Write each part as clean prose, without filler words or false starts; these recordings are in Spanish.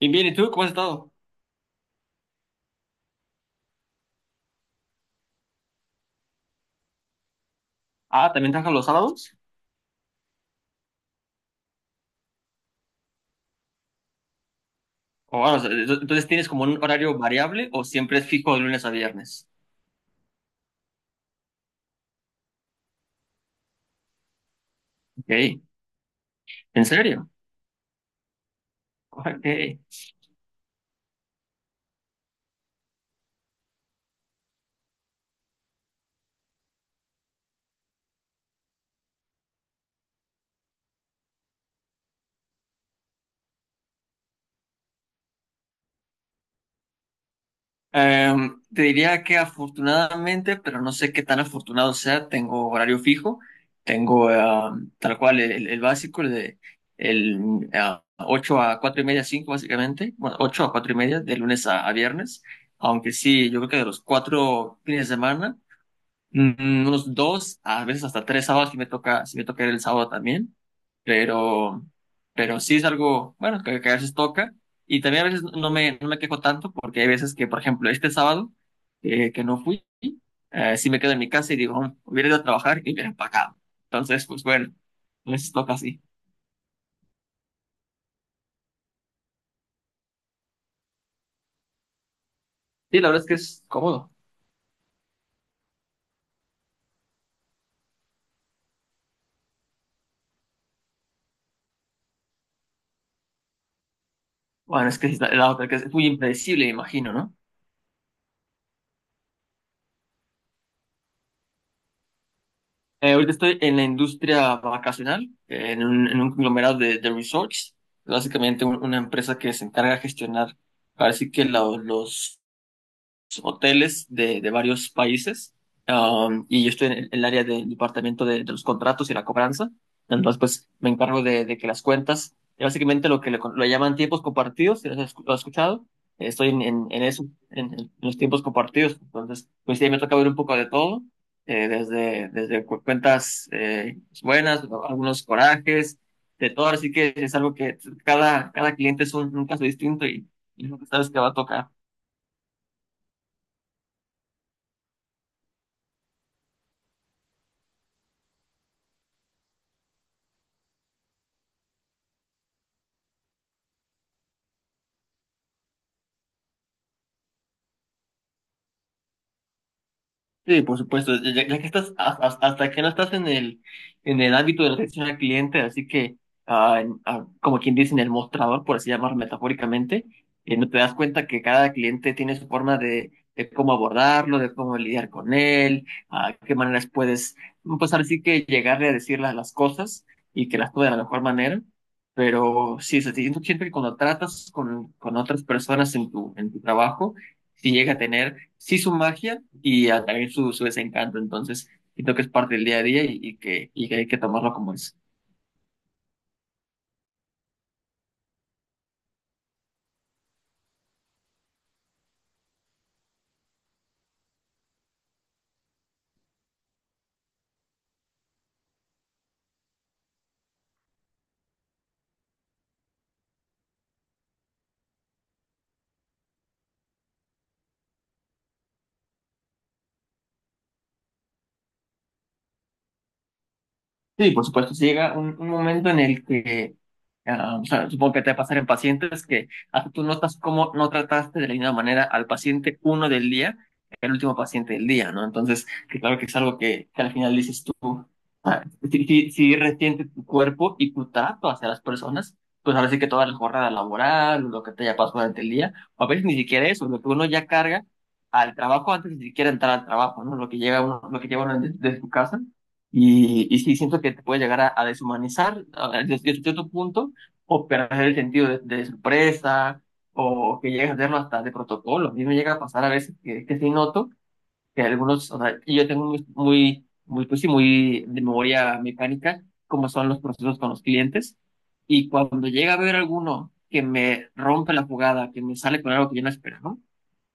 Bien, bien, ¿y tú cómo has estado? Ah, ¿también trabajas los sábados? O sea, entonces tienes como un horario variable o siempre es fijo de lunes a viernes. Ok, ¿en serio? Ok. Te diría que afortunadamente, pero no sé qué tan afortunado sea, tengo horario fijo, tengo tal cual el básico, el de 8 a 4 y media, 5 básicamente, bueno, 8 a 4 y media de lunes a viernes, aunque sí, yo creo que de los cuatro fines de semana. Unos dos, a veces hasta tres sábados, si me toca ir el sábado también, pero, pero sí es algo, bueno, que a veces toca, y también a veces no me quejo tanto, porque hay veces que, por ejemplo, este sábado, que no fui, sí me quedo en mi casa y digo: Hubiera ido a trabajar y hubiera empacado." Entonces, pues bueno, a veces toca así. Sí, la verdad es que es cómodo. Bueno, es que es la otra, que es muy impredecible, me imagino, ¿no? Ahorita estoy en la industria vacacional, en un conglomerado de resorts, básicamente una empresa que se encarga de gestionar, parece que los hoteles de varios países, y yo estoy en el área del departamento de los contratos y la cobranza. Entonces, pues me encargo de que las cuentas, básicamente lo que le, lo llaman tiempos compartidos, si lo has escuchado, estoy en eso, en los tiempos compartidos. Entonces, pues sí, me toca ver un poco de todo, desde cuentas, buenas, algunos corajes, de todo. Así que es algo que cada cliente es un caso distinto, y es lo que sabes que va a tocar. Sí, por supuesto, ya que estás, hasta que no estás en el ámbito de la atención al cliente, así que, como quien dice, en el mostrador, por así llamar metafóricamente, no te das cuenta que cada cliente tiene su forma de cómo abordarlo, de cómo lidiar con él, a qué maneras puedes pues ahora sí que llegarle a decirle las cosas y que las tome de la mejor manera, pero sí, siento que cuando tratas con otras personas en tu trabajo, sí llega a tener, sí su magia y a también su desencanto. Entonces, siento que es parte del día a día, y que hay que tomarlo como es. Sí, por supuesto, si llega un momento en el que, o sea, supongo que te va a pasar en pacientes que hasta tú notas cómo no trataste de la misma manera al paciente uno del día, el último paciente del día, ¿no? Entonces, que claro que es algo que al final dices tú, ah, si resiente tu cuerpo y tu trato hacia las personas, pues ahora sí que toda la jornada laboral, lo que te haya pasado durante el día, o a veces ni siquiera eso, lo que uno ya carga al trabajo antes de siquiera entrar al trabajo, ¿no? Lo que llega uno, lo que lleva uno desde de su casa, y sí, siento que te puede llegar a deshumanizar desde cierto punto, o perder el sentido de sorpresa, o que llegas a hacerlo hasta de protocolo. A mí me llega a pasar a veces que sí noto que algunos, o sea, y yo tengo muy, muy, muy, pues sí, muy de memoria mecánica como son los procesos con los clientes, y cuando llega a ver alguno que me rompe la jugada, que me sale con algo que yo no esperaba,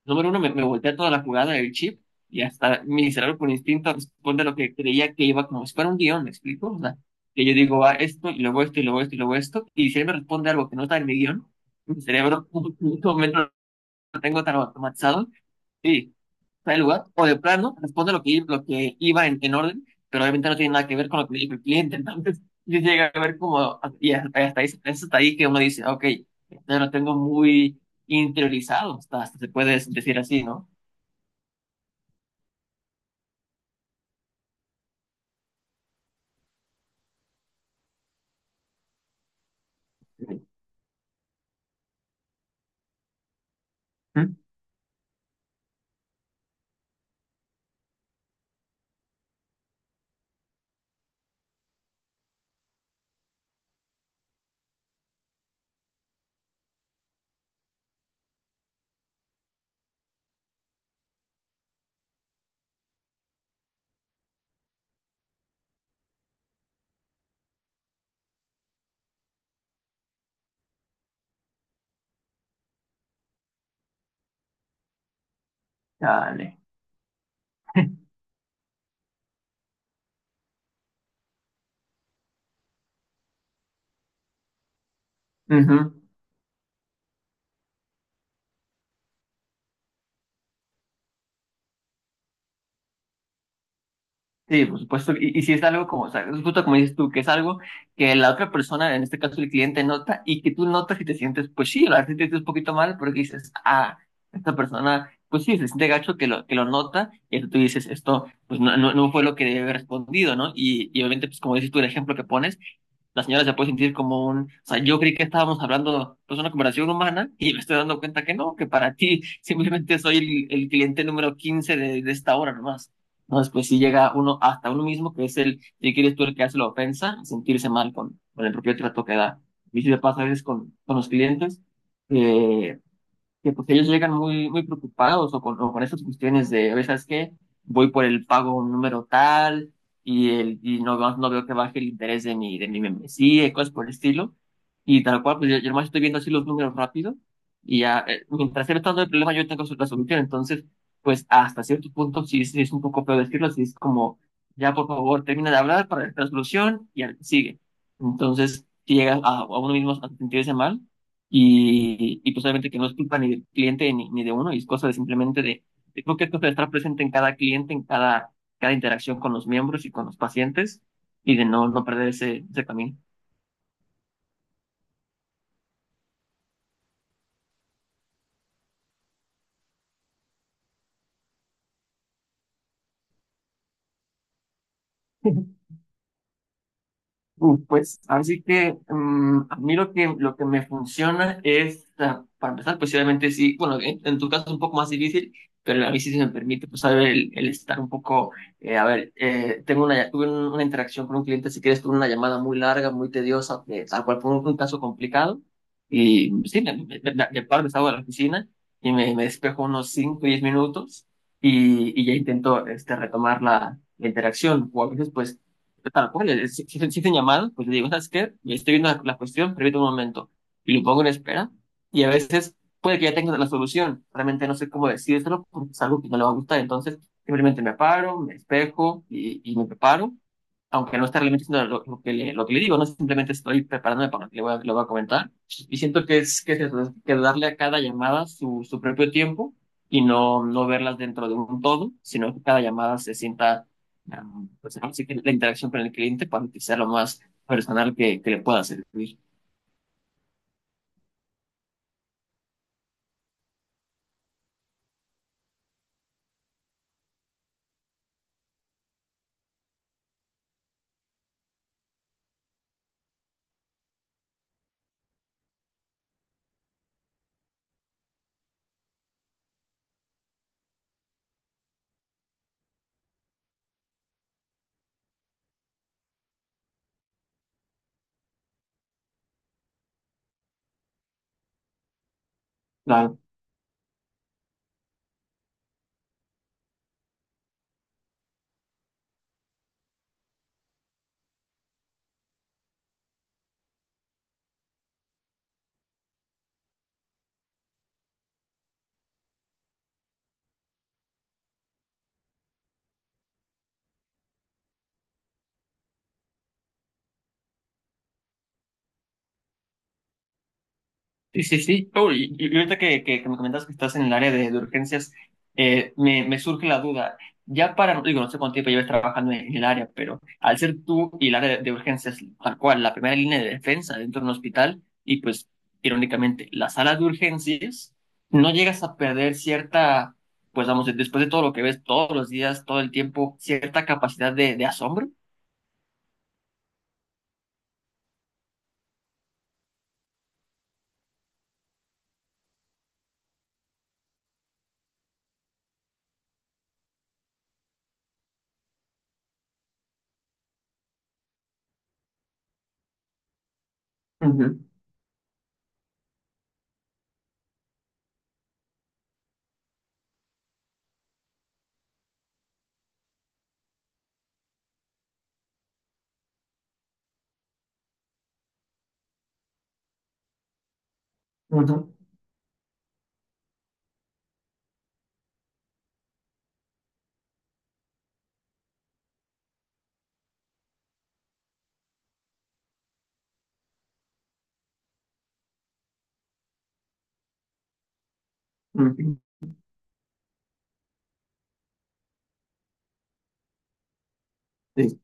número uno, me voltea toda la jugada del chip, y hasta mi cerebro por instinto responde a lo que creía que iba como si fuera un guión, ¿me explico? O sea, que yo digo, va esto y luego esto y luego esto y luego esto, y si él me responde algo que no está en mi guión, mi cerebro en este momento lo tengo tan automatizado y está en el lugar, o de plano responde lo que iba en orden, pero obviamente no tiene nada que ver con lo que le dijo el cliente, entonces yo llega a ver como, y hasta ahí, es hasta ahí que uno dice, ok, ya lo tengo muy interiorizado, hasta se puede decir así, ¿no? Ujú. Dale. Ujú. Sí, por supuesto. Y si es algo como, o sea, es justo como dices tú, que es algo que la otra persona, en este caso el cliente, nota y que tú notas y te sientes, pues sí, la verdad sí te sientes un poquito mal porque dices, esta persona, pues sí, se siente gacho que lo, nota, y entonces tú dices, esto, pues no, no, no fue lo que debe haber respondido, ¿no? Y obviamente, pues como dices tú, el ejemplo que pones, la señora se puede sentir como un, o sea, yo creí que estábamos hablando, pues, una conversación humana, y me estoy dando cuenta que no, que para ti simplemente soy el cliente número 15 de esta hora nomás. Entonces, pues si llega uno hasta uno mismo, que es el, si quieres tú, el que hace la ofensa, sentirse mal con el propio trato que da. Y si te pasa a veces con los clientes, eh, que pues ellos llegan muy, muy preocupados, o con esas cuestiones de, oye, ¿sabes qué? Voy por el pago número tal y, el, y no, veo- no veo que baje el interés de mi membresía, y cosas por el estilo. Y tal cual, pues yo nomás estoy viendo así los números rápido, y ya, mientras él está dando el problema, yo tengo la solución. Entonces, pues hasta cierto punto sí es un poco feo decirlo, sí es como, ya por favor, termina de hablar para la solución y sigue. Entonces, si llega a uno mismo a sentirse mal, y pues obviamente que no es culpa ni del cliente ni de uno, y es cosa de simplemente creo que es cosa de estar presente en cada cliente, en cada interacción con los miembros y con los pacientes, y de no perder ese camino. Pues, así que a mí lo que, me funciona es, para empezar, pues obviamente sí, bueno, en tu caso es un poco más difícil, pero a mí sí se me permite, pues, saber el, estar un poco, a ver, tuve una interacción con un cliente, si quieres, tuve una llamada muy larga, muy tediosa, que tal cual fue un caso complicado, y sí, me paro, me salgo de la oficina, y me despejo unos 5, 10 minutos, y ya intento retomar la interacción, o a veces, pues, tal cual, si llamadas, pues le digo, ¿sabes qué? Estoy viendo la cuestión, permítame un momento. Y lo pongo en espera. Y a veces puede que ya tenga la solución. Realmente no sé cómo decírselo, porque es algo que no le va a gustar. Entonces, simplemente me paro, me espejo, y me preparo, aunque no está realmente haciendo lo que le digo, no, simplemente estoy preparándome para lo que le voy a comentar. Y siento que que es eso, es que darle a cada llamada su, su propio tiempo, y no verlas dentro de un todo, sino que cada llamada se sienta, pues, así que la interacción con el cliente, para que sea lo más personal que le pueda servir. Claro. Sí, sí, sí. Oh, y ahorita que me comentas que estás en el área de urgencias, me surge la duda. Ya para, digo, no sé cuánto tiempo llevas trabajando en el área, pero al ser tú y el área de urgencias, tal cual, la primera línea de defensa dentro de un hospital, y pues, irónicamente, la sala de urgencias, no llegas a perder cierta, pues vamos, después de todo lo que ves todos los días, todo el tiempo, cierta capacidad de asombro. Ujú, ujú, ujú. Sí.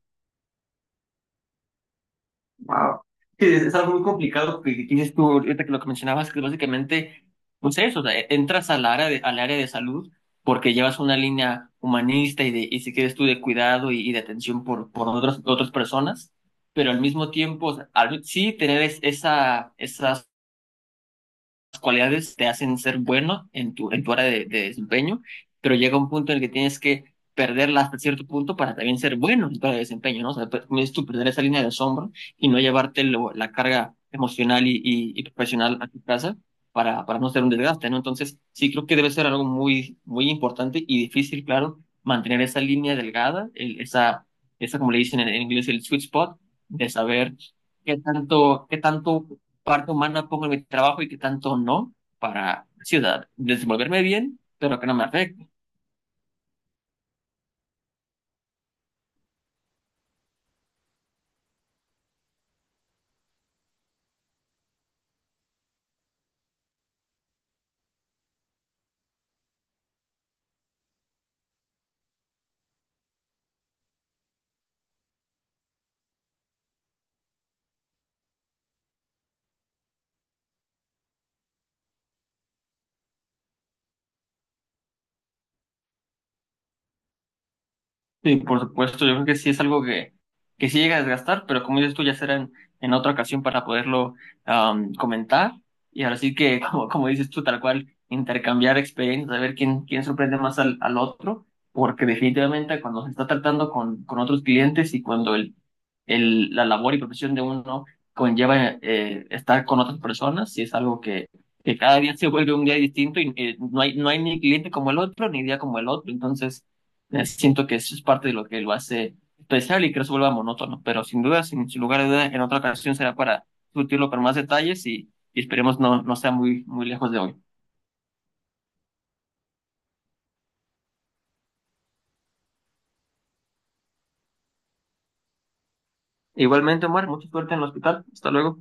Wow. Es algo muy complicado que tienes tú ahorita, que lo que mencionabas, que básicamente, pues eso, o sea, entras al área de, salud, porque llevas una línea humanista y, si quieres tú, de cuidado, y de atención por, otras personas, pero al mismo tiempo, o sea, sí tener esa cualidades te hacen ser bueno en tu área de desempeño, pero llega un punto en el que tienes que perderla hasta cierto punto para también ser bueno en tu área de desempeño, ¿no? O sea, como dices tú, perder esa línea de asombro, y no llevarte la carga emocional y profesional a tu casa, para no ser un desgaste, ¿no? Entonces, sí creo que debe ser algo muy, muy importante y difícil, claro, mantener esa línea delgada, esa, como le dicen en inglés, el sweet spot, de saber qué tanto parte humana pongo en mi trabajo y qué tanto no, para ciudad, desenvolverme bien, pero que no me afecte. Sí, por supuesto, yo creo que sí es algo que sí llega a desgastar, pero como dices tú, ya será en otra ocasión para poderlo comentar. Y ahora sí que, como dices tú, tal cual, intercambiar experiencias, a ver quién sorprende más al otro, porque definitivamente cuando se está tratando con otros clientes, y cuando la labor y profesión de uno conlleva estar con otras personas, sí es algo que cada día se vuelve un día distinto, y no hay ni cliente como el otro, ni día como el otro. Entonces, siento que eso es parte de lo que lo hace especial y que no se vuelva monótono, pero sin duda, sin lugar a duda, en otra ocasión será para discutirlo con más detalles, y esperemos no sea muy, muy lejos de hoy. Igualmente, Omar, mucha suerte en el hospital. Hasta luego.